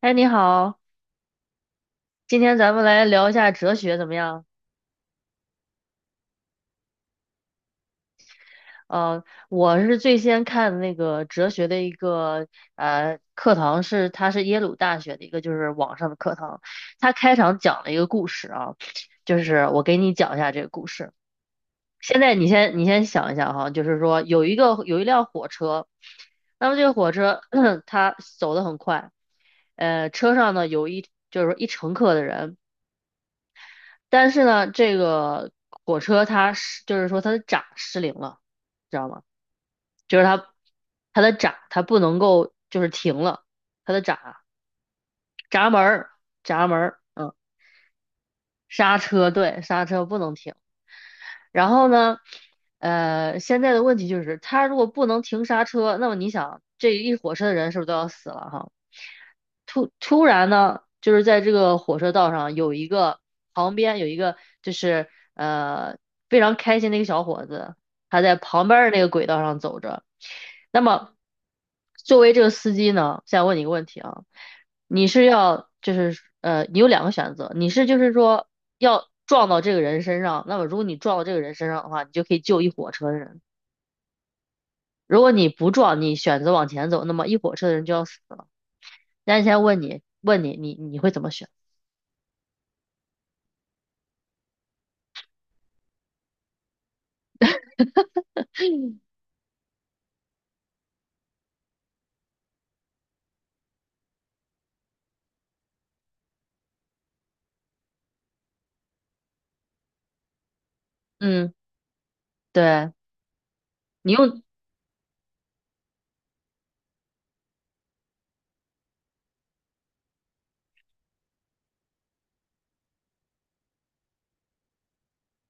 哎，你好，今天咱们来聊一下哲学怎么样？呃，我是最先看的那个哲学的一个课堂是，它是耶鲁大学的一个就是网上的课堂，它开场讲了一个故事啊，就是我给你讲一下这个故事。现在你先想一下哈，就是说有一辆火车，那么这个火车 它走得很快，车上呢就是说一乘客的人。但是呢，这个火车就是说它的闸失灵了，知道吗？就是它的闸它不能够就是停了，它的闸门儿闸门儿，嗯，刹车，对，刹车不能停。然后呢，现在的问题就是它如果不能停刹车，那么你想这一火车的人是不是都要死了哈？突然呢，就是在这个火车道上有一个旁边有一个就是非常开心的一个小伙子，他在旁边的那个轨道上走着。那么作为这个司机呢，现在问你一个问题啊，你是要就是你有两个选择，就是说要撞到这个人身上，那么如果你撞到这个人身上的话，你就可以救一火车的人。如果你不撞，你选择往前走，那么一火车的人就要死了。那现在问你，你会怎么选？嗯，对，你用，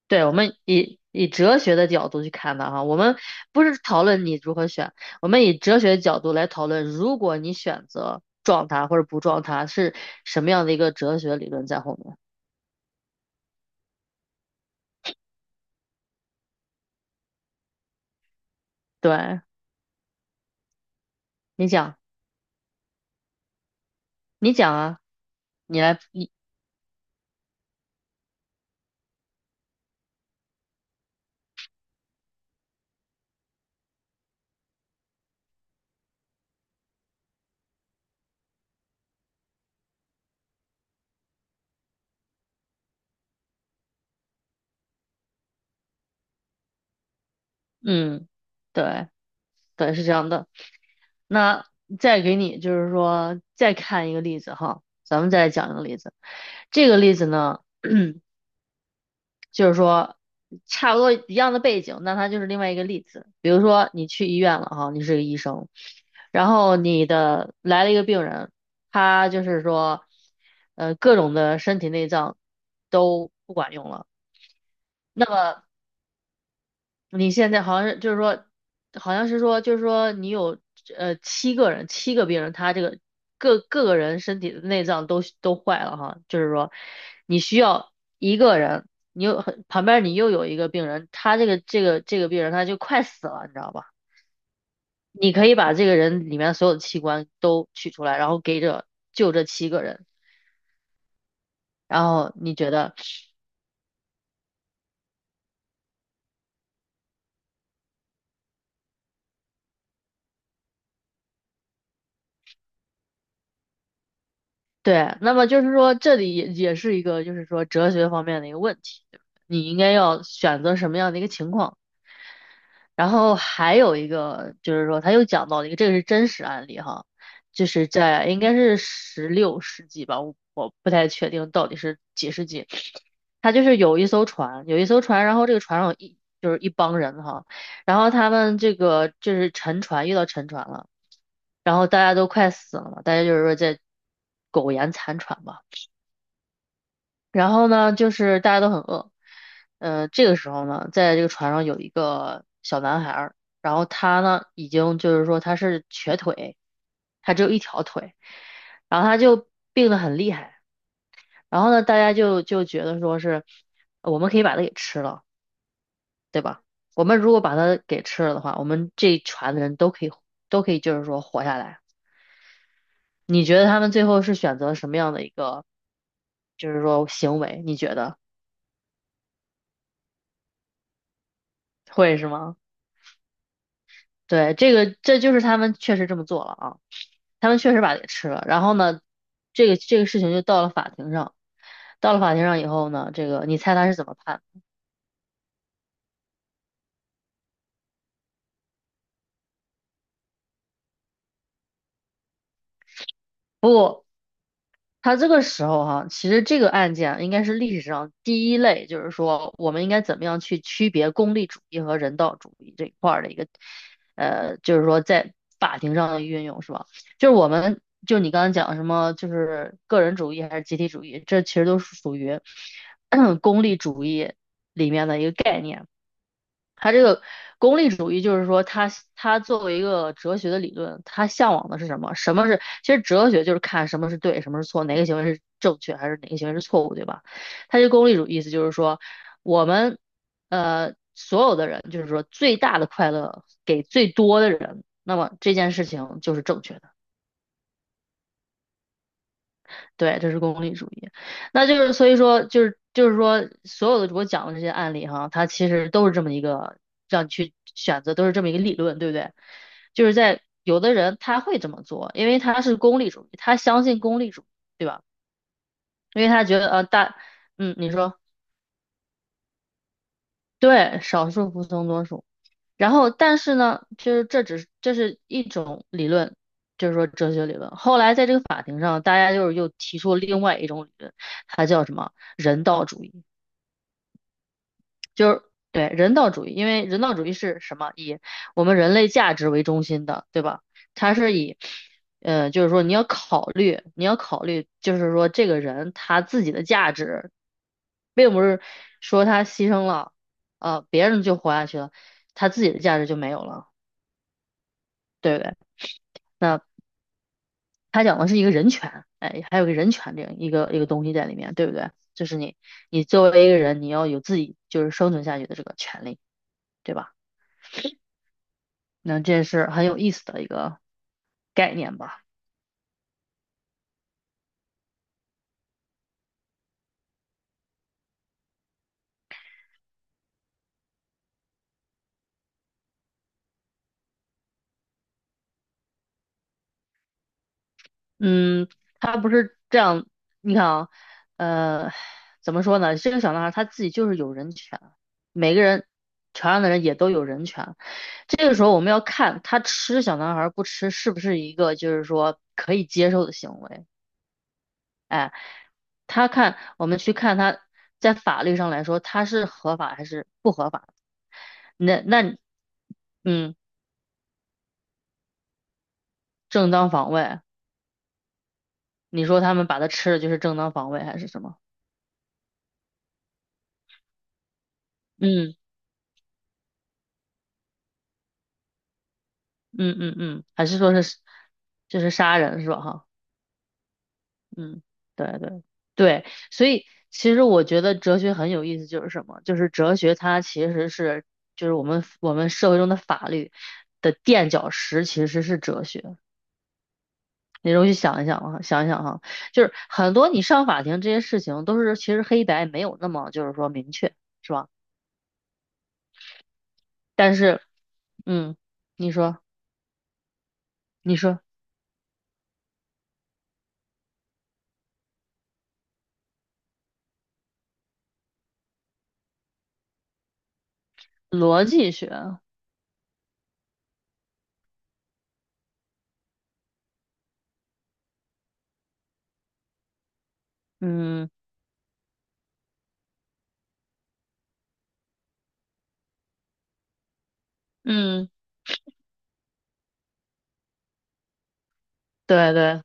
对，我们以哲学的角度去看的哈，我们不是讨论你如何选，我们以哲学的角度来讨论，如果你选择撞它或者不撞它，是什么样的一个哲学理论在后面？对，你讲，你讲啊，你来，嗯，对，对，是这样的。那再给你就是说再看一个例子哈，咱们再来讲一个例子，这个例子呢。就是说差不多一样的背景，那它就是另外一个例子。比如说你去医院了哈，你是个医生，然后你的来了一个病人，他就是说，各种的身体内脏都不管用了。那么你现在好像是就是说，好像是说就是说你有七个人，七个病人，他这个各个人身体的内脏都坏了哈，就是说你需要一个人，你又很旁边你又有一个病人，他这个病人他就快死了，你知道吧？你可以把这个人里面所有的器官都取出来，然后就这七个人，然后你觉得。对，那么就是说，这里也是一个，就是说哲学方面的一个问题，对不对你应该要选择什么样的一个情况。然后还有一个就是说，他又讲到了一个，这个是真实案例哈，就是在应该是16世纪吧，我不太确定到底是几世纪。他就是有一艘船，然后这个船上就是一帮人哈，然后他们这个就是沉船，遇到沉船了，然后大家都快死了嘛，大家就是说在苟延残喘吧。然后呢，就是大家都很饿，这个时候呢，在这个船上有一个小男孩儿，然后他呢，已经就是说他是瘸腿，他只有一条腿，然后他就病得很厉害，然后呢，大家就觉得说是，我们可以把它给吃了，对吧？我们如果把它给吃了的话，我们这一船的人都可以就是说活下来。你觉得他们最后是选择什么样的一个，就是说行为？你觉得会是吗？对，这就是他们确实这么做了啊，他们确实把它给吃了。然后呢，这个事情就到了法庭上，到了法庭上以后呢，这个你猜他是怎么判？不。他这个时候哈，其实这个案件啊应该是历史上第一类，就是说我们应该怎么样去区别功利主义和人道主义这一块儿的一个，就是说在法庭上的运用是吧？就是我们就你刚才讲什么，就是个人主义还是集体主义，这其实都是属于 功利主义里面的一个概念。他这个功利主义就是说他作为一个哲学的理论，他向往的是什么？什么是？其实哲学就是看什么是对，什么是错，哪个行为是正确，还是哪个行为是错误，对吧？他这功利主义意思就是说，我们所有的人，就是说最大的快乐给最多的人，那么这件事情就是正确的。对，这是功利主义。那就是所以说，就是说，所有的我讲的这些案例哈，他其实都是这么一个让你去选择，都是这么一个理论，对不对？就是在有的人他会这么做，因为他是功利主义，他相信功利主义，对吧？因为他觉得嗯，你说。对，少数服从多数。然后，但是呢，就是这是一种理论，就是说哲学理论。后来在这个法庭上，大家就是又提出了另外一种理论，它叫什么人道主义。就是对人道主义，因为人道主义是什么？以我们人类价值为中心的，对吧？它是以，就是说你要考虑，你要考虑，就是说这个人他自己的价值，并不是说他牺牲了，别人就活下去了，他自己的价值就没有了，对不对？那他讲的是一个人权，哎，还有个人权这样一个一个东西在里面，对不对？你作为一个人，你要有自己就是生存下去的这个权利，对吧？那这是很有意思的一个概念吧？嗯，他不是这样，你看啊，呃，怎么说呢？这个小男孩他自己就是有人权，每个人船上的人也都有人权。这个时候我们要看他吃小男孩不吃是不是一个就是说可以接受的行为。我们去看他在法律上来说他是合法还是不合法？那那嗯，正当防卫。你说他们把它吃了就是正当防卫还是什么？嗯嗯嗯嗯，还是说是就是杀人是吧？哈，嗯，对对对，所以其实我觉得哲学很有意思，就是什么？就是哲学它其实是就是我们社会中的法律的垫脚石，其实是哲学。你容易想一想啊，想一想哈，就是很多你上法庭这些事情都是其实黑白没有那么就是说明确，是吧？但是嗯，你说你说逻辑学。嗯嗯，对对，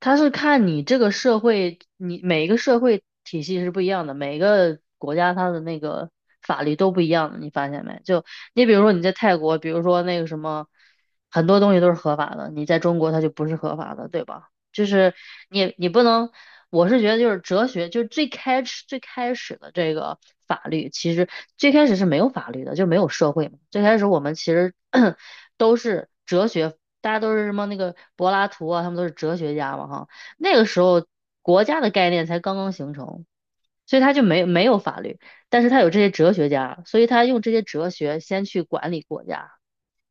它是看你这个社会，你每一个社会体系是不一样的，每个国家它的那个法律都不一样的，你发现没？就你比如说你在泰国，比如说那个什么，很多东西都是合法的，你在中国它就不是合法的，对吧？就是你不能，我是觉得就是哲学，就是最开始的这个法律，其实最开始是没有法律的，就没有社会嘛。最开始我们其实 都是哲学，大家都是什么那个柏拉图啊，他们都是哲学家嘛哈。那个时候国家的概念才刚刚形成，所以他就没有法律，但是他有这些哲学家，所以他用这些哲学先去管理国家，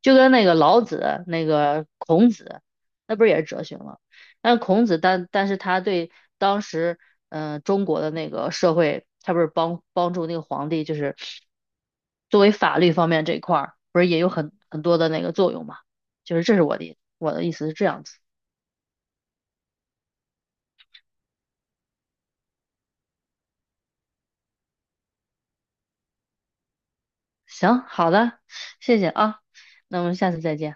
就跟那个老子、那个孔子，那不是也是哲学吗？但孔子但是他对当时中国的那个社会，他不是帮助那个皇帝，就是作为法律方面这一块儿，不是也有很多的那个作用嘛？就是这是我的意思是这样子。行，好的，谢谢啊，那我们下次再见。